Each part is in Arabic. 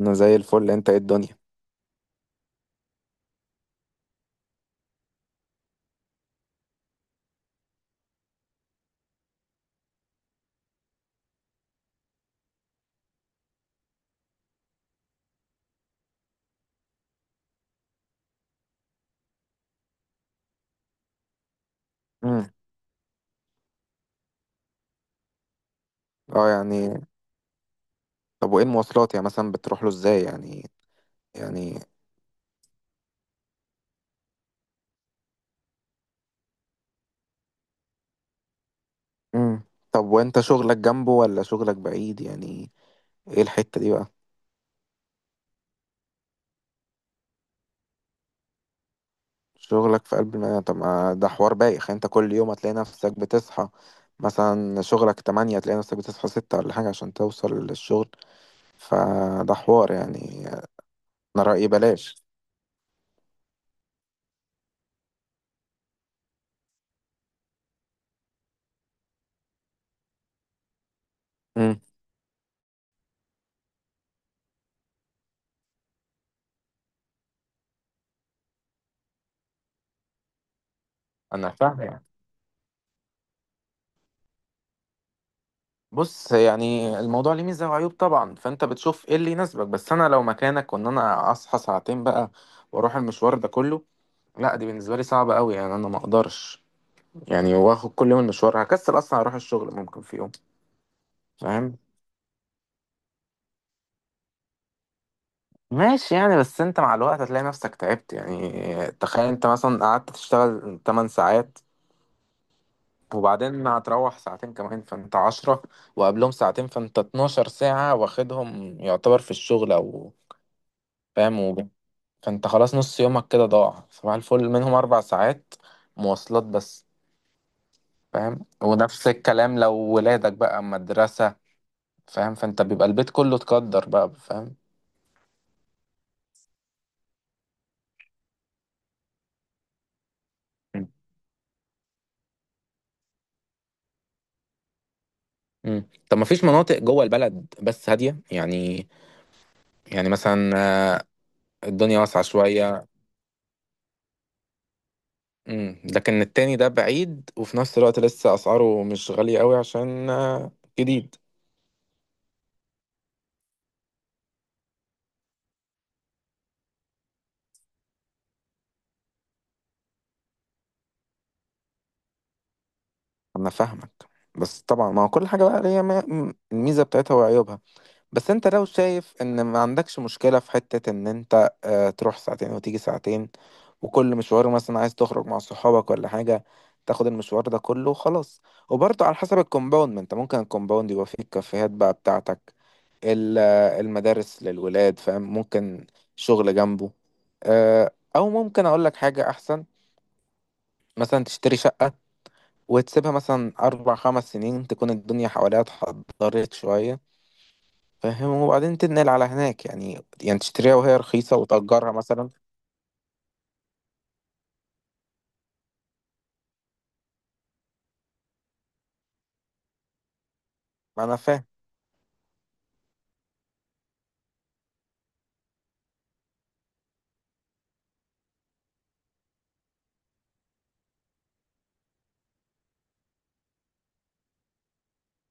انا زي الفل، انت ايه الدنيا؟ امم اه يعني طب وايه المواصلات، يعني مثلا بتروح له ازاي يعني؟ يعني امم طب وانت شغلك جنبه ولا شغلك بعيد يعني؟ ايه الحتة دي بقى؟ شغلك في قلب المدينة. طب ما ده حوار بايخ يعني. انت كل يوم هتلاقي نفسك بتصحى، مثلا شغلك تمانية، هتلاقي نفسك بتصحى ستة ولا حاجة عشان توصل للشغل. فده حوار يعني. انا رأيي بلاش. امم انا فاهم. بص، يعني الموضوع ليه ميزة وعيوب طبعا، فانت بتشوف ايه اللي يناسبك. بس انا لو مكانك، وان انا اصحى ساعتين بقى واروح المشوار ده كله، لا دي بالنسبة لي صعبة قوي يعني. انا ما اقدرش يعني واخد كل يوم المشوار، هكسل اصلا اروح الشغل ممكن في يوم. فاهم؟ ماشي يعني، بس انت مع الوقت هتلاقي نفسك تعبت يعني. تخيل انت مثلا قعدت تشتغل 8 ساعات، وبعدين هتروح ساعتين كمان فانت عشرة، وقبلهم ساعتين فانت 12 ساعة واخدهم يعتبر في الشغل او. فاهم؟ فانت خلاص نص يومك كده ضاع، صباح الفل منهم 4 ساعات مواصلات بس. فاهم؟ ونفس الكلام لو ولادك بقى أما مدرسة. فاهم؟ فانت بيبقى البيت كله تقدر بقى. فاهم؟ مم. مم. طب ما فيش مناطق جوه البلد بس هادية يعني؟ يعني مثلا، آه، الدنيا واسعة شوية. مم. لكن التاني ده بعيد، وفي نفس الوقت لسه اسعاره مش غالية قوي عشان جديد. انا فاهمك. بس طبعا ما هو كل حاجة بقى ليها الميزة بتاعتها وعيوبها. بس انت لو شايف ان ما عندكش مشكلة في حتة ان انت تروح ساعتين وتيجي ساعتين، وكل مشوار مثلا عايز تخرج مع صحابك ولا حاجة تاخد المشوار ده كله وخلاص. وبرضه على حسب الكومباوند، ما انت ممكن الكومباوند يبقى فيه الكافيهات بقى بتاعتك، المدارس للولاد. فاهم؟ ممكن شغل جنبه. او ممكن اقول لك حاجة احسن، مثلا تشتري شقة وتسيبها مثلا اربع خمس سنين، تكون الدنيا حواليها اتحضرت شوية. فاهم؟ وبعدين تنقل على هناك يعني، تشتريها وهي رخيصة وتأجرها مثلا. ما أنا فاهم.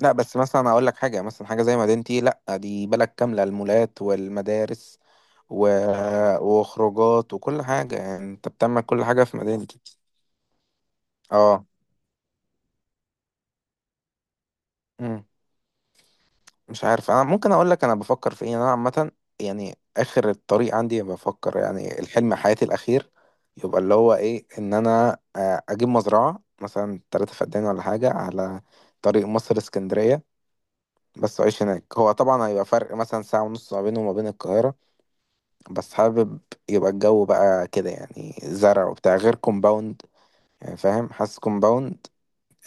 لا بس مثلا أقول لك حاجة، مثلا حاجة زي مدينتي، لا دي بلد كاملة، المولات والمدارس و... وخروجات وكل حاجة، يعني أنت بتعمل كل حاجة في مدينتي. اه. مش عارف، انا ممكن اقول لك انا بفكر في ايه انا عامه. يعني اخر الطريق عندي بفكر، يعني الحلم حياتي الاخير يبقى اللي هو ايه، ان انا اجيب مزرعه مثلا 3 فدان ولا حاجه على طريق مصر اسكندريه، بس اعيش هناك. هو طبعا هيبقى فرق مثلا ساعه ونص ما بينه وما بين القاهره، بس حابب يبقى الجو بقى كده، يعني زرع وبتاع، غير كومباوند يعني. فاهم؟ حاسس كومباوند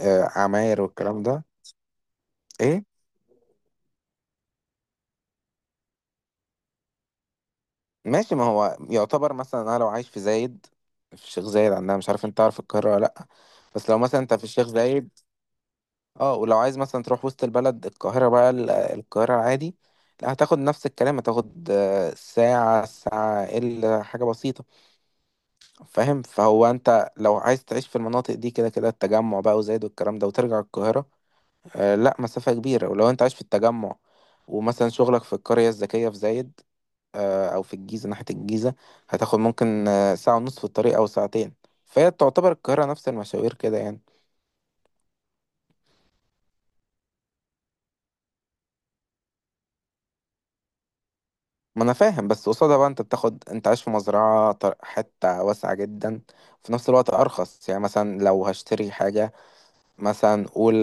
عماير والكلام ده. ايه؟ ماشي. ما هو يعتبر مثلا انا لو عايش في زايد، في الشيخ زايد عندنا، مش عارف انت تعرف القاهرة ولا لا، بس لو مثلا انت في الشيخ زايد، اه، ولو عايز مثلا تروح وسط البلد القاهرة بقى، القاهرة عادي، لا هتاخد نفس الكلام، هتاخد ساعة ساعة إلا حاجة بسيطة. فاهم؟ فهو انت لو عايز تعيش في المناطق دي كده كده، التجمع بقى وزايد والكلام ده، وترجع القاهرة، لا مسافة كبيرة. ولو انت عايش في التجمع ومثلا شغلك في القرية الذكية في زايد، او في الجيزه ناحيه الجيزه، هتاخد ممكن ساعه ونص في الطريق او ساعتين. فهي تعتبر القاهره نفس المشاوير كده يعني. ما انا فاهم، بس قصادها بقى انت بتاخد، انت عايش في مزرعه حته واسعه جدا، في نفس الوقت ارخص. يعني مثلا لو هشتري حاجه، مثلا قول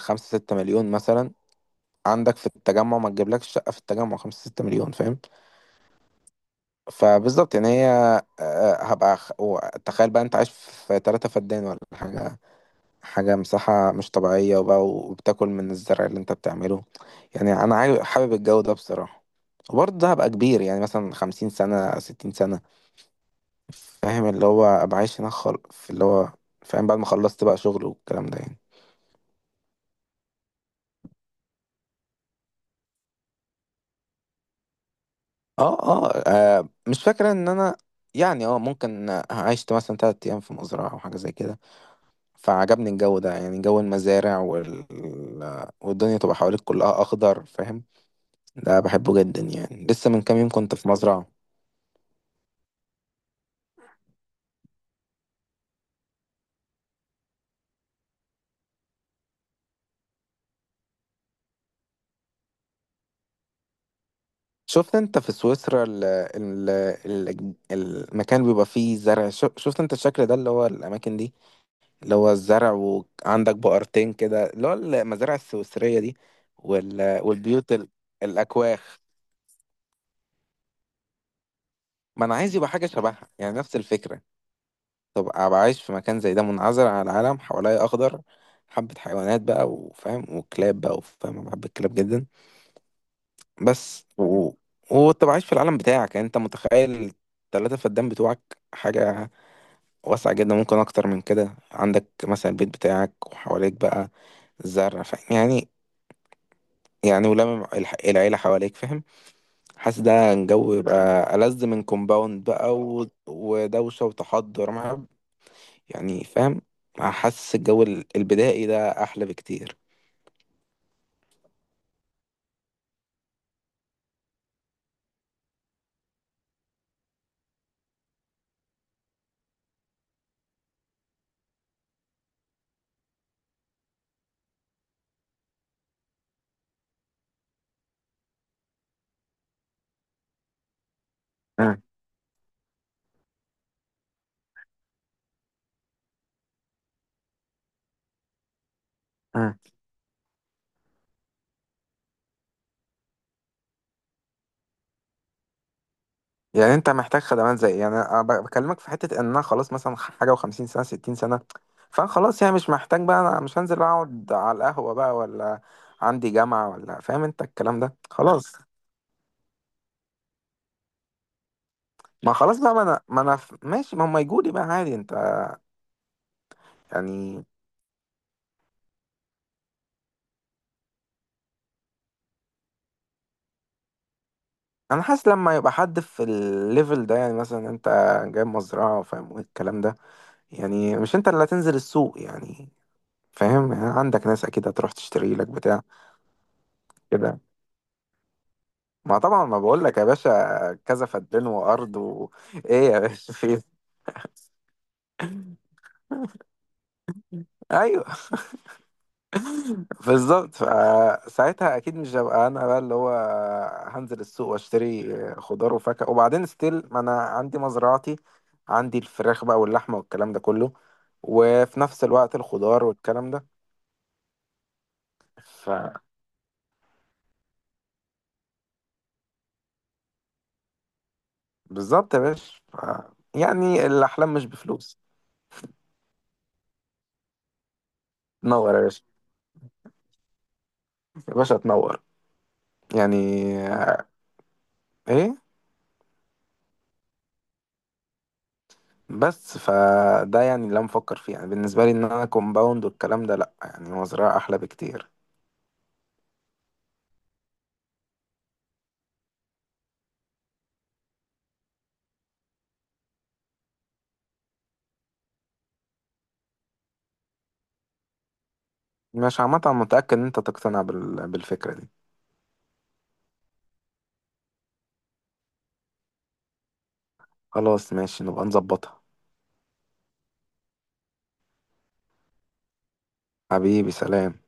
خمسة ستة مليون مثلا، عندك في التجمع ما تجيبلكش شقه في التجمع خمسة ستة مليون. فاهم؟ فبالظبط يعني هي آه، هبقى خ- و- تخيل بقى انت عايش في 3 فدان ولا حاجه، حاجة مساحة مش طبيعية، وبقى وبتاكل من الزرع اللي انت بتعمله. يعني انا حابب الجو ده بصراحة. وبرضه ده هبقى كبير، يعني مثلا 50 سنة 60 سنة. فاهم؟ اللي هو ابقى عايش هناك في اللي هو، فاهم؟ بعد ما خلصت بقى شغل والكلام ده يعني. اه اه، مش فاكرة ان انا يعني، اه ممكن عشت مثلا 3 ايام في مزرعة او حاجة زي كده، فعجبني الجو ده يعني. جو المزارع والدنيا تبقى حواليك كلها اخضر. فاهم؟ ده بحبه جدا يعني. لسه من كام يوم كنت في مزرعة. شفت انت في سويسرا ال المكان بيبقى فيه زرع، شفت انت الشكل ده اللي هو الاماكن دي، اللي هو الزرع وعندك بقرتين كده، اللي هو المزارع السويسرية دي، والبيوت الاكواخ. ما انا عايز يبقى حاجة شبهها، يعني نفس الفكرة. طب ابقى عايش في مكان زي ده، منعزل عن العالم، حواليا اخضر، حبة حيوانات بقى وفاهم وكلاب بقى وفاهم، انا بحب الكلاب جدا. بس و... وتبقى عايش في العالم بتاعك. يعني انت متخيل التلاتة فدان بتوعك؟ حاجة واسع جدا، ممكن اكتر من كده، عندك مثلا البيت بتاعك وحواليك بقى الزرع. فاهم يعني؟ ولما العيلة حواليك، فاهم؟ حاسس ده الجو يبقى ألذ من كومباوند بقى ودوشة وتحضر مع، يعني فاهم؟ حاسس الجو البدائي ده أحلى بكتير. اه، يعني انت محتاج خدمات زي. يعني انا بكلمك في حته ان انا خلاص مثلا حاجه و50 سنه 60 سنه، فانا خلاص يعني مش محتاج بقى. انا مش هنزل اقعد على القهوه بقى ولا عندي جامعه ولا، فاهم انت الكلام ده خلاص. ما خلاص بقى ما انا ماشي، ما هم يجوا لي بقى عادي. انت يعني. انا حاسس لما يبقى حد في الليفل ده، يعني مثلا انت جايب مزرعه، فاهم الكلام ده، يعني مش انت اللي هتنزل السوق يعني. فاهم؟ يعني عندك ناس اكيد هتروح تشتري لك بتاع كده. ما طبعا، ما بقول لك يا باشا، كذا فدان وارض ايه يا باشا في إيه؟ ايوه بالظبط. فساعتها اكيد مش هبقى انا بقى اللي هو هنزل السوق واشتري خضار وفاكهه، وبعدين ستيل. ما انا عندي مزرعتي، عندي الفراخ بقى واللحمه والكلام ده كله، وفي نفس الوقت الخضار والكلام ده. فبالظبط يا باشا يعني الاحلام مش بفلوس. تنور يا باشا. يا باشا تنور. يعني، ايه؟ بس فده يعني اللي انا بفكر فيه، يعني بالنسبه لي، ان انا كومباوند والكلام ده لا، يعني هو زراعه احلى بكتير. مش عامه، أنا متاكد ان انت تقتنع بالفكره دي. خلاص ماشي، نبقى نظبطها. حبيبي سلام.